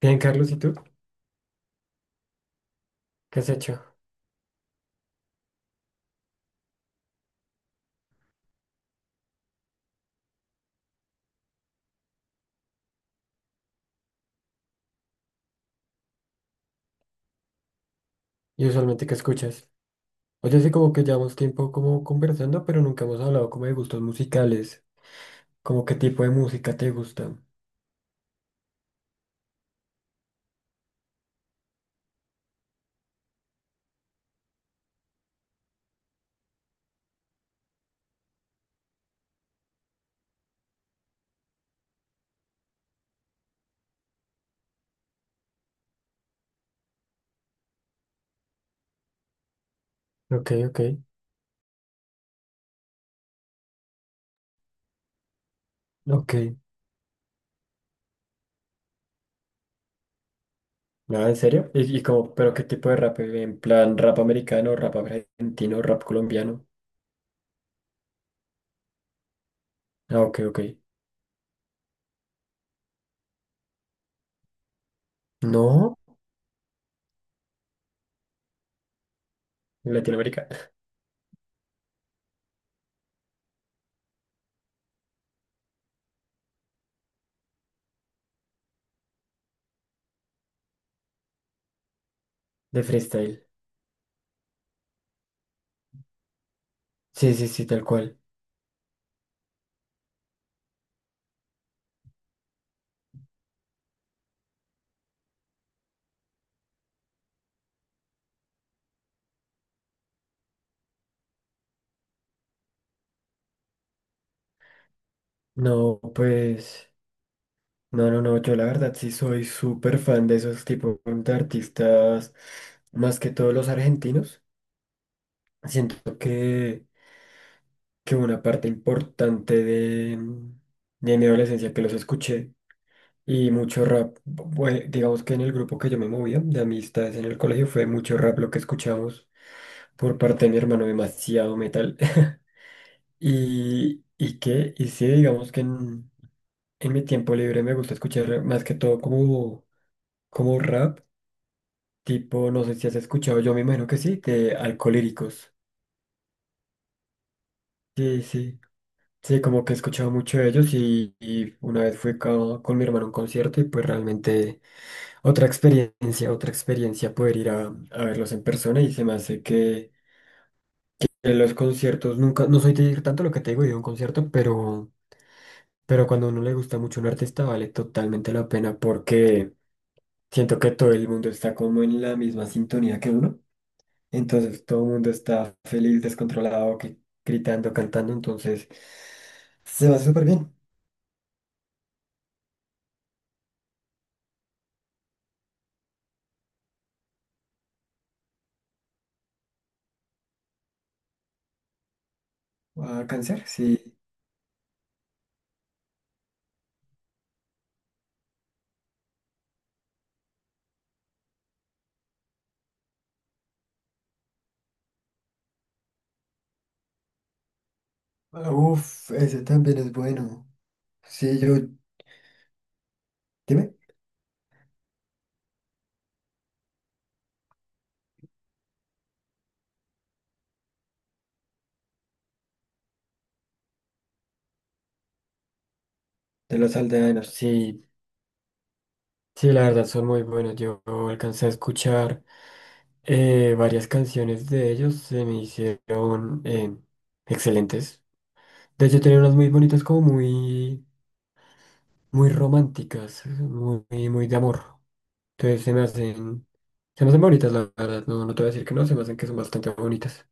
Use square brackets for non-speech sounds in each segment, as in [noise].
Bien, Carlos, ¿y tú? ¿Qué has hecho? ¿Y usualmente qué escuchas? Oye, sí, como que llevamos tiempo como conversando, pero nunca hemos hablado como de gustos musicales. Como qué tipo de música te gusta. Ok, ok, ok. Nada, ¿en serio? ¿Y como, pero ¿qué tipo de rap? ¿En plan rap americano, rap argentino, rap colombiano? Ah, ok, ok. ¿No? ¿En Latinoamérica? [laughs] De freestyle. Sí, sí, sí, tal cual. No, pues... No, no, no, yo la verdad sí soy súper fan de esos tipos de artistas, más que todos los argentinos. Siento que una parte importante de mi adolescencia que los escuché y mucho rap, digamos que en el grupo que yo me movía de amistades en el colegio fue mucho rap lo que escuchamos por parte de mi hermano, demasiado metal. [laughs] Y que, y sí, digamos que en mi tiempo libre me gusta escuchar más que todo como, como rap. Tipo, no sé si has escuchado, yo me imagino que sí, de Alcolíricos. Sí, sí. Sí, como que he escuchado mucho de ellos y una vez fui con mi hermano a un concierto y pues realmente otra experiencia poder ir a verlos en persona y se me hace que en los conciertos nunca, no soy de ir tanto lo que te digo, ir a un concierto, pero cuando a uno le gusta mucho un artista vale totalmente la pena porque siento que todo el mundo está como en la misma sintonía que uno. Entonces todo el mundo está feliz, descontrolado, gritando, cantando. Entonces se va súper bien. A cáncer, sí. Ah, uf, ese también es bueno. Sí, yo, dime. De los Aldeanos, sí. Sí, la verdad son muy buenos. Yo alcancé a escuchar varias canciones de ellos. Se me hicieron excelentes. De hecho, tenía unas muy bonitas, como muy, muy románticas, muy, muy de amor. Entonces se me hacen. Se me hacen bonitas, la verdad. No, no te voy a decir que no, se me hacen que son bastante bonitas.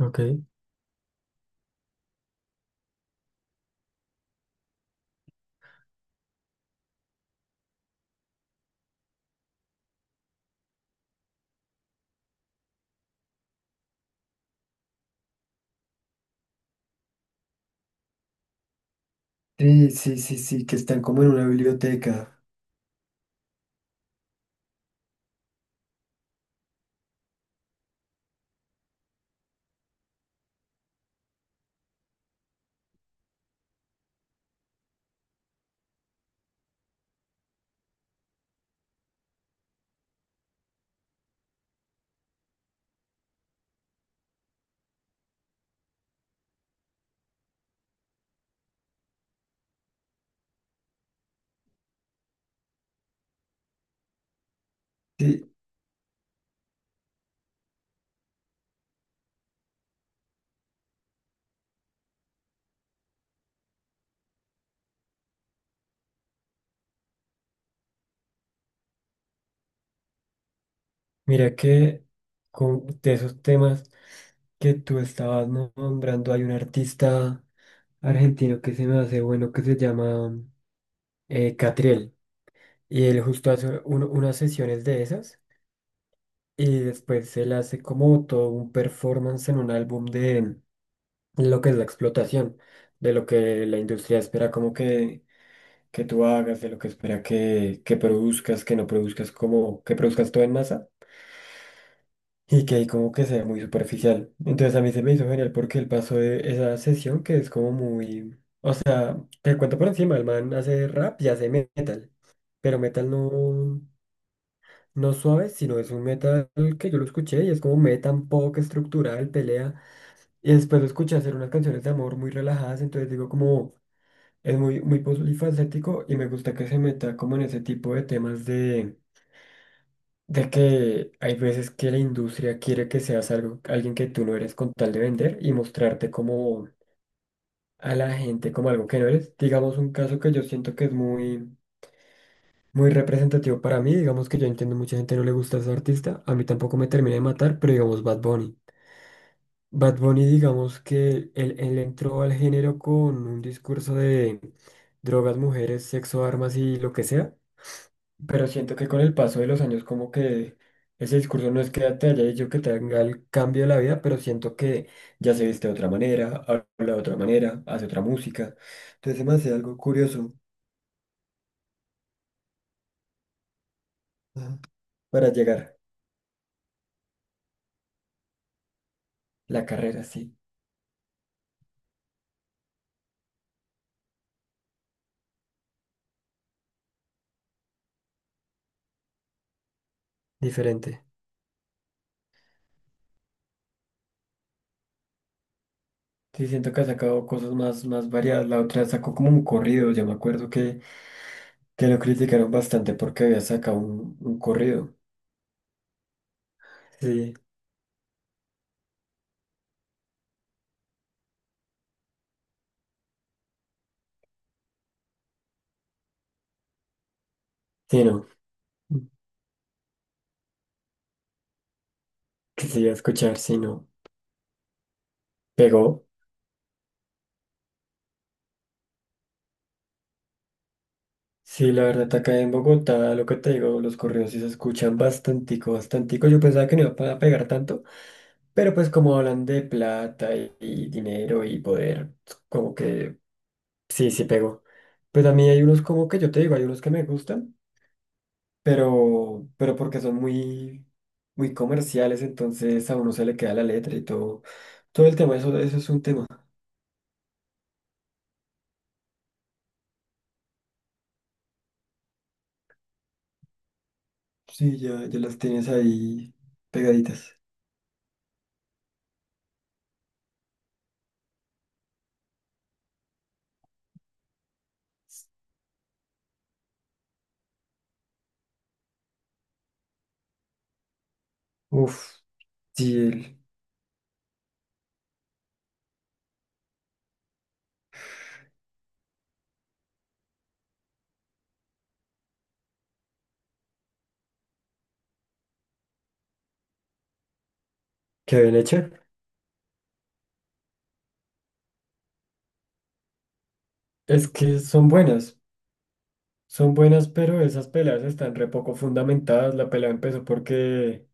Ok. Sí, sí, sí, sí, que están como en una biblioteca. Sí, mira que con, de esos temas que tú estabas nombrando, hay un artista argentino que se me hace bueno que se llama Catriel. Y él justo hace unas sesiones de esas y después él hace como todo un performance en un álbum de lo que es la explotación, de lo que la industria espera como que tú hagas, de lo que espera que produzcas, que no produzcas, como que produzcas todo en masa y que ahí como que sea muy superficial. Entonces a mí se me hizo genial porque el paso de esa sesión que es como muy... Te cuento por encima, el man hace rap y hace metal, pero metal no, no suave, sino es un metal que yo lo escuché y es como metal pop estructural, pelea. Y después lo escuché hacer unas canciones de amor muy relajadas, entonces digo como... Es muy, muy polifacético y me gusta que se meta como en ese tipo de temas de que hay veces que la industria quiere que seas algo, alguien que tú no eres con tal de vender y mostrarte como a la gente como algo que no eres. Digamos un caso que yo siento que es muy, muy representativo para mí, digamos que yo entiendo mucha gente no le gusta ese artista, a mí tampoco me termina de matar, pero digamos Bad Bunny. Bad Bunny, digamos que él entró al género con un discurso de drogas, mujeres, sexo, armas y lo que sea. Pero siento que con el paso de los años como que ese discurso no es que te haya dicho que tenga el cambio de la vida, pero siento que ya se viste de otra manera, habla de otra manera, hace otra música. Entonces se me hace algo curioso. Ajá, para llegar la carrera, sí, diferente. Sí, siento que ha sacado cosas más, más variadas. La otra sacó como un corrido, yo me acuerdo que lo criticaron bastante porque había sacado un corrido. Sí, sí, no. Quisiera escuchar, sí, no. Pegó. Sí, la verdad, acá en Bogotá, lo que te digo, los correos sí se escuchan bastantico, bastantico. Yo pensaba que no iba a pegar tanto, pero pues como hablan de plata y dinero y poder, como que sí, sí pegó. Pues a mí hay unos como que yo te digo, hay unos que me gustan, pero porque son muy, muy comerciales, entonces a uno se le queda la letra y todo, todo el tema, eso es un tema. Sí, ya, ya las tienes ahí pegaditas. Uf, sí, el, qué bien hecho. Es que son buenas, pero esas peleas están re poco fundamentadas. La pelea empezó porque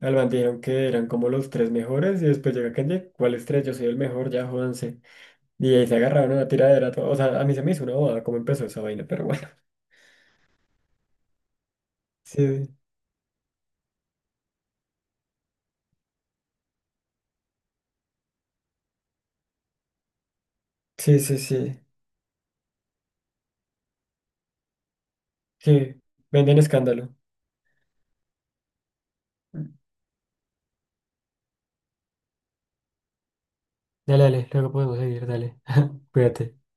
Alban dijeron que eran como los tres mejores y después llega Kenji, ¿cuáles tres? Yo soy el mejor, ya jódanse. Y ahí se agarraron a una tiradera. Todo. O sea, a mí se me hizo una boda cómo empezó esa vaina, pero bueno. [laughs] Sí, sí, sí, sí. Sí, venden escándalo. Dale, dale, luego podemos seguir, dale. [laughs] Cuídate. Hasta luego.